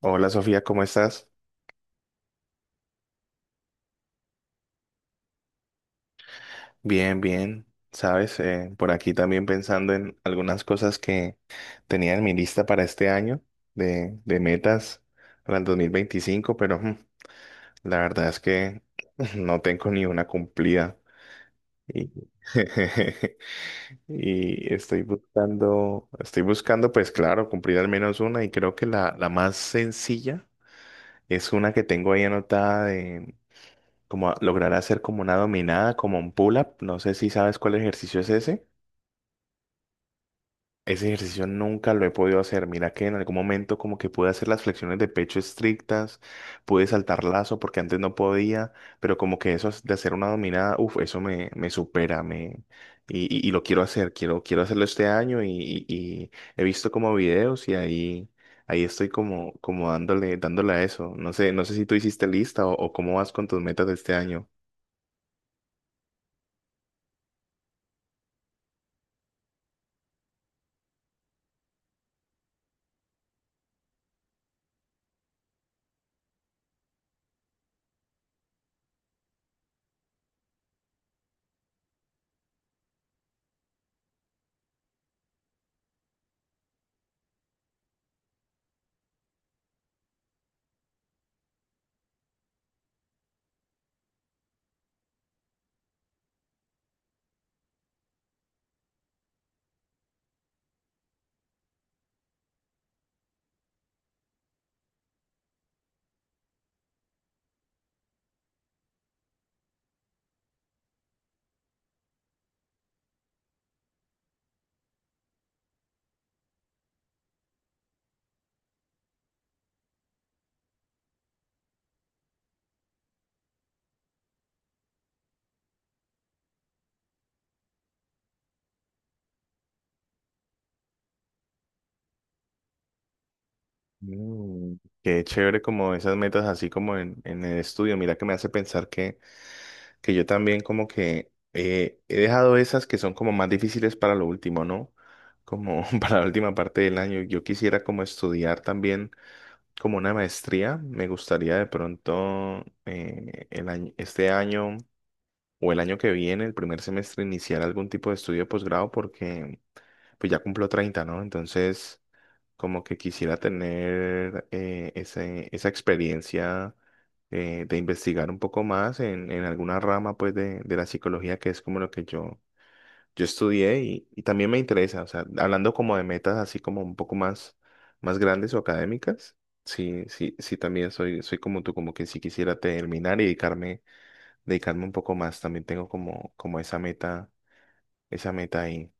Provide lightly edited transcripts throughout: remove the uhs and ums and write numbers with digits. Hola Sofía, ¿cómo estás? Bien, bien. Sabes, por aquí también pensando en algunas cosas que tenía en mi lista para este año de metas para el 2025, pero la verdad es que no tengo ni una cumplida. Y, y estoy buscando, pues claro, cumplir al menos una y creo que la más sencilla es una que tengo ahí anotada como lograr hacer como una dominada, como un pull-up. No sé si sabes cuál ejercicio es ese. Ese ejercicio nunca lo he podido hacer. Mira que en algún momento como que pude hacer las flexiones de pecho estrictas, pude saltar lazo porque antes no podía, pero como que eso es de hacer una dominada, uff, eso me supera. Y, y lo quiero hacer, quiero hacerlo este año y, y he visto como videos y ahí estoy como dándole a eso. No sé si tú hiciste lista o cómo vas con tus metas de este año. Mm, Qué chévere como esas metas así como en, el estudio. Mira que me hace pensar que yo también como que he dejado esas que son como más difíciles para lo último, ¿no? Como para la última parte del año. Yo quisiera como estudiar también como una maestría. Me gustaría de pronto el año, este año o el año que viene, el primer semestre, iniciar algún tipo de estudio de posgrado porque pues ya cumplo 30, ¿no? Entonces como que quisiera tener esa experiencia de investigar un poco más en, alguna rama pues de, la psicología que es como lo que yo estudié y, también me interesa, o sea, hablando como de metas así como un poco más, más grandes o académicas, sí, sí, sí también soy como tú, como que sí quisiera terminar y dedicarme un poco más, también tengo como, esa meta ahí.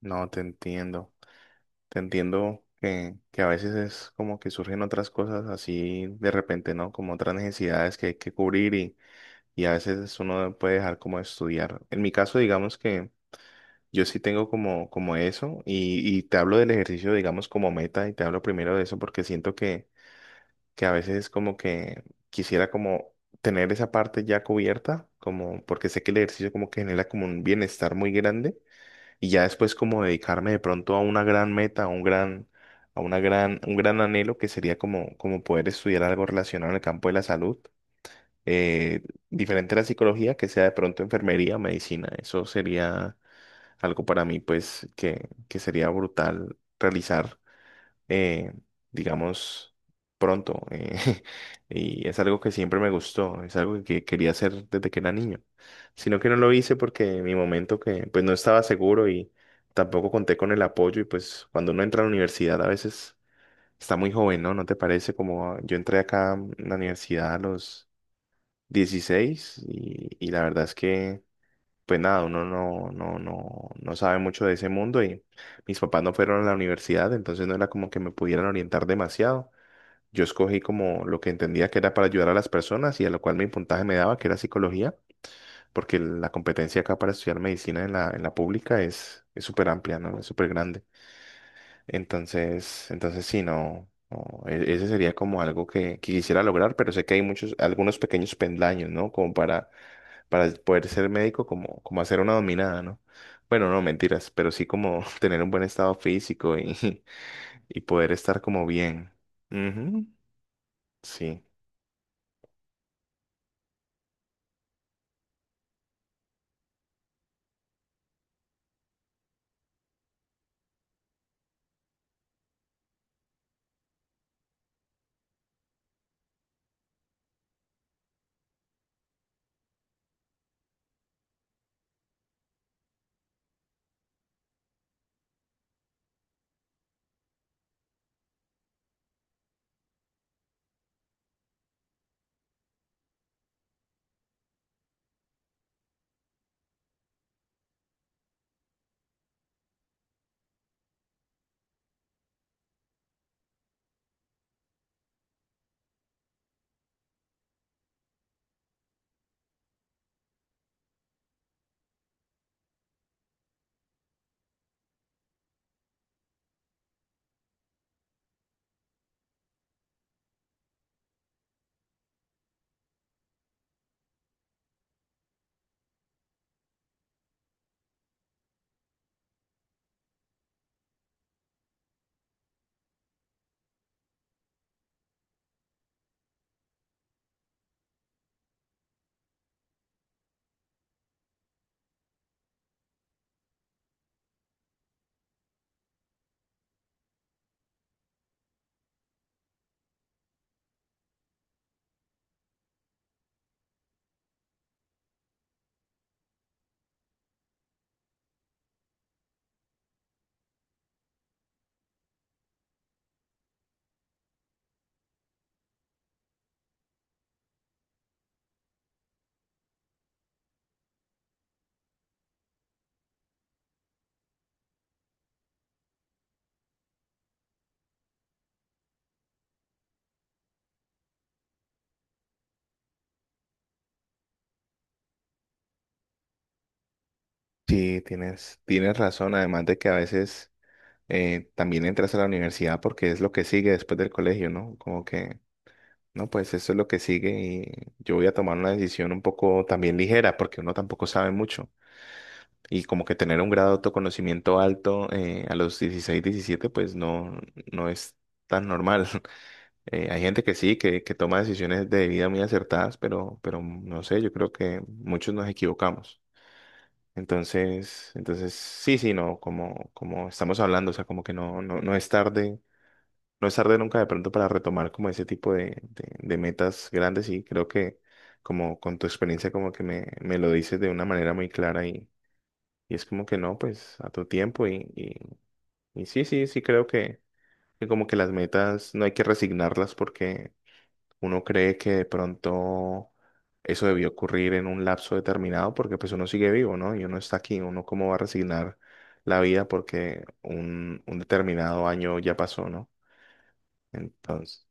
No, te entiendo. Te entiendo que a veces es como que surgen otras cosas así de repente, ¿no? Como otras necesidades que hay que cubrir y, a veces uno puede dejar como de estudiar. En mi caso, digamos que yo sí tengo como, eso y, te hablo del ejercicio, digamos, como meta y te hablo primero de eso porque siento que a veces es como que quisiera como tener esa parte ya cubierta, como porque sé que el ejercicio como que genera como un bienestar muy grande y ya después como dedicarme de pronto a una gran meta, a un gran, a una gran, un gran anhelo que sería como, como poder estudiar algo relacionado en el campo de la salud, eh, diferente a la psicología, que sea de pronto enfermería, medicina, eso sería algo para mí pues que, sería brutal realizar eh, digamos, pronto. Y es algo que siempre me gustó, es algo que quería hacer desde que era niño, sino que no lo hice porque en mi momento que pues no estaba seguro y tampoco conté con el apoyo y pues cuando uno entra a la universidad a veces está muy joven, ¿no? ¿No te parece? Como yo entré acá a la universidad a los 16 y, la verdad es que pues nada, uno no sabe mucho de ese mundo y mis papás no fueron a la universidad, entonces no era como que me pudieran orientar demasiado. Yo escogí como lo que entendía que era para ayudar a las personas y a lo cual mi puntaje me daba, que era psicología, porque la competencia acá para estudiar medicina en la, pública es súper amplia, ¿no? Es súper grande. Entonces, sí, no, no, ese sería como algo que quisiera lograr, pero sé que hay muchos, algunos pequeños pendaños, ¿no? Como para poder ser médico, como, hacer una dominada, ¿no? Bueno, no, mentiras, pero sí como tener un buen estado físico y, y poder estar como bien. Ujú, Sí, sí, tienes razón, además de que a veces también entras a la universidad porque es lo que sigue después del colegio, ¿no? Como que, no, pues eso es lo que sigue y yo voy a tomar una decisión un poco también ligera porque uno tampoco sabe mucho. Y como que tener un grado de autoconocimiento alto a los 16 17 pues no es tan normal. Hay gente que sí, que toma decisiones de vida muy acertadas, pero no sé, yo creo que muchos nos equivocamos. Entonces, sí, sí, no, como estamos hablando, o sea, como que no, no es tarde, no es tarde nunca de pronto para retomar como ese tipo de, de metas grandes y creo que como con tu experiencia como que me lo dices de una manera muy clara y es como que no, pues a tu tiempo. Y sí, sí, sí creo que como que las metas no hay que resignarlas porque uno cree que de pronto eso debió ocurrir en un lapso determinado porque pues uno sigue vivo, ¿no? Y uno está aquí, uno cómo va a resignar la vida porque un determinado año ya pasó, ¿no? Entonces,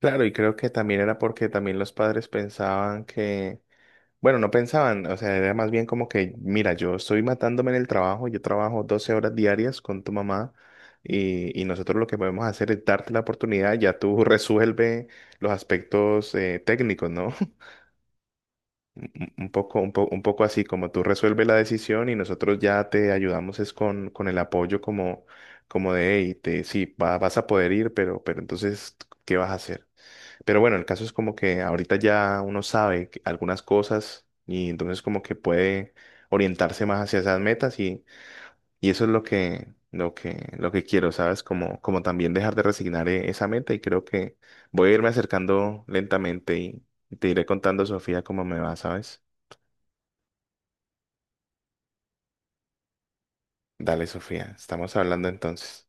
claro, y creo que también era porque también los padres pensaban que bueno, no pensaban, o sea, era más bien como que, mira, yo estoy matándome en el trabajo, yo trabajo 12 horas diarias con tu mamá y, nosotros lo que podemos hacer es darte la oportunidad, ya tú resuelve los aspectos técnicos, ¿no? Un poco así, como tú resuelves la decisión y nosotros ya te ayudamos es con, el apoyo como, de, hey, te, sí, vas a poder ir, pero entonces, ¿qué vas a hacer? Pero bueno, el caso es como que ahorita ya uno sabe algunas cosas y entonces como que puede orientarse más hacia esas metas y, eso es lo que, lo que quiero, ¿sabes? Como también dejar de resignar esa meta y creo que voy a irme acercando lentamente y te iré contando, Sofía, cómo me va, ¿sabes? Dale, Sofía, estamos hablando entonces.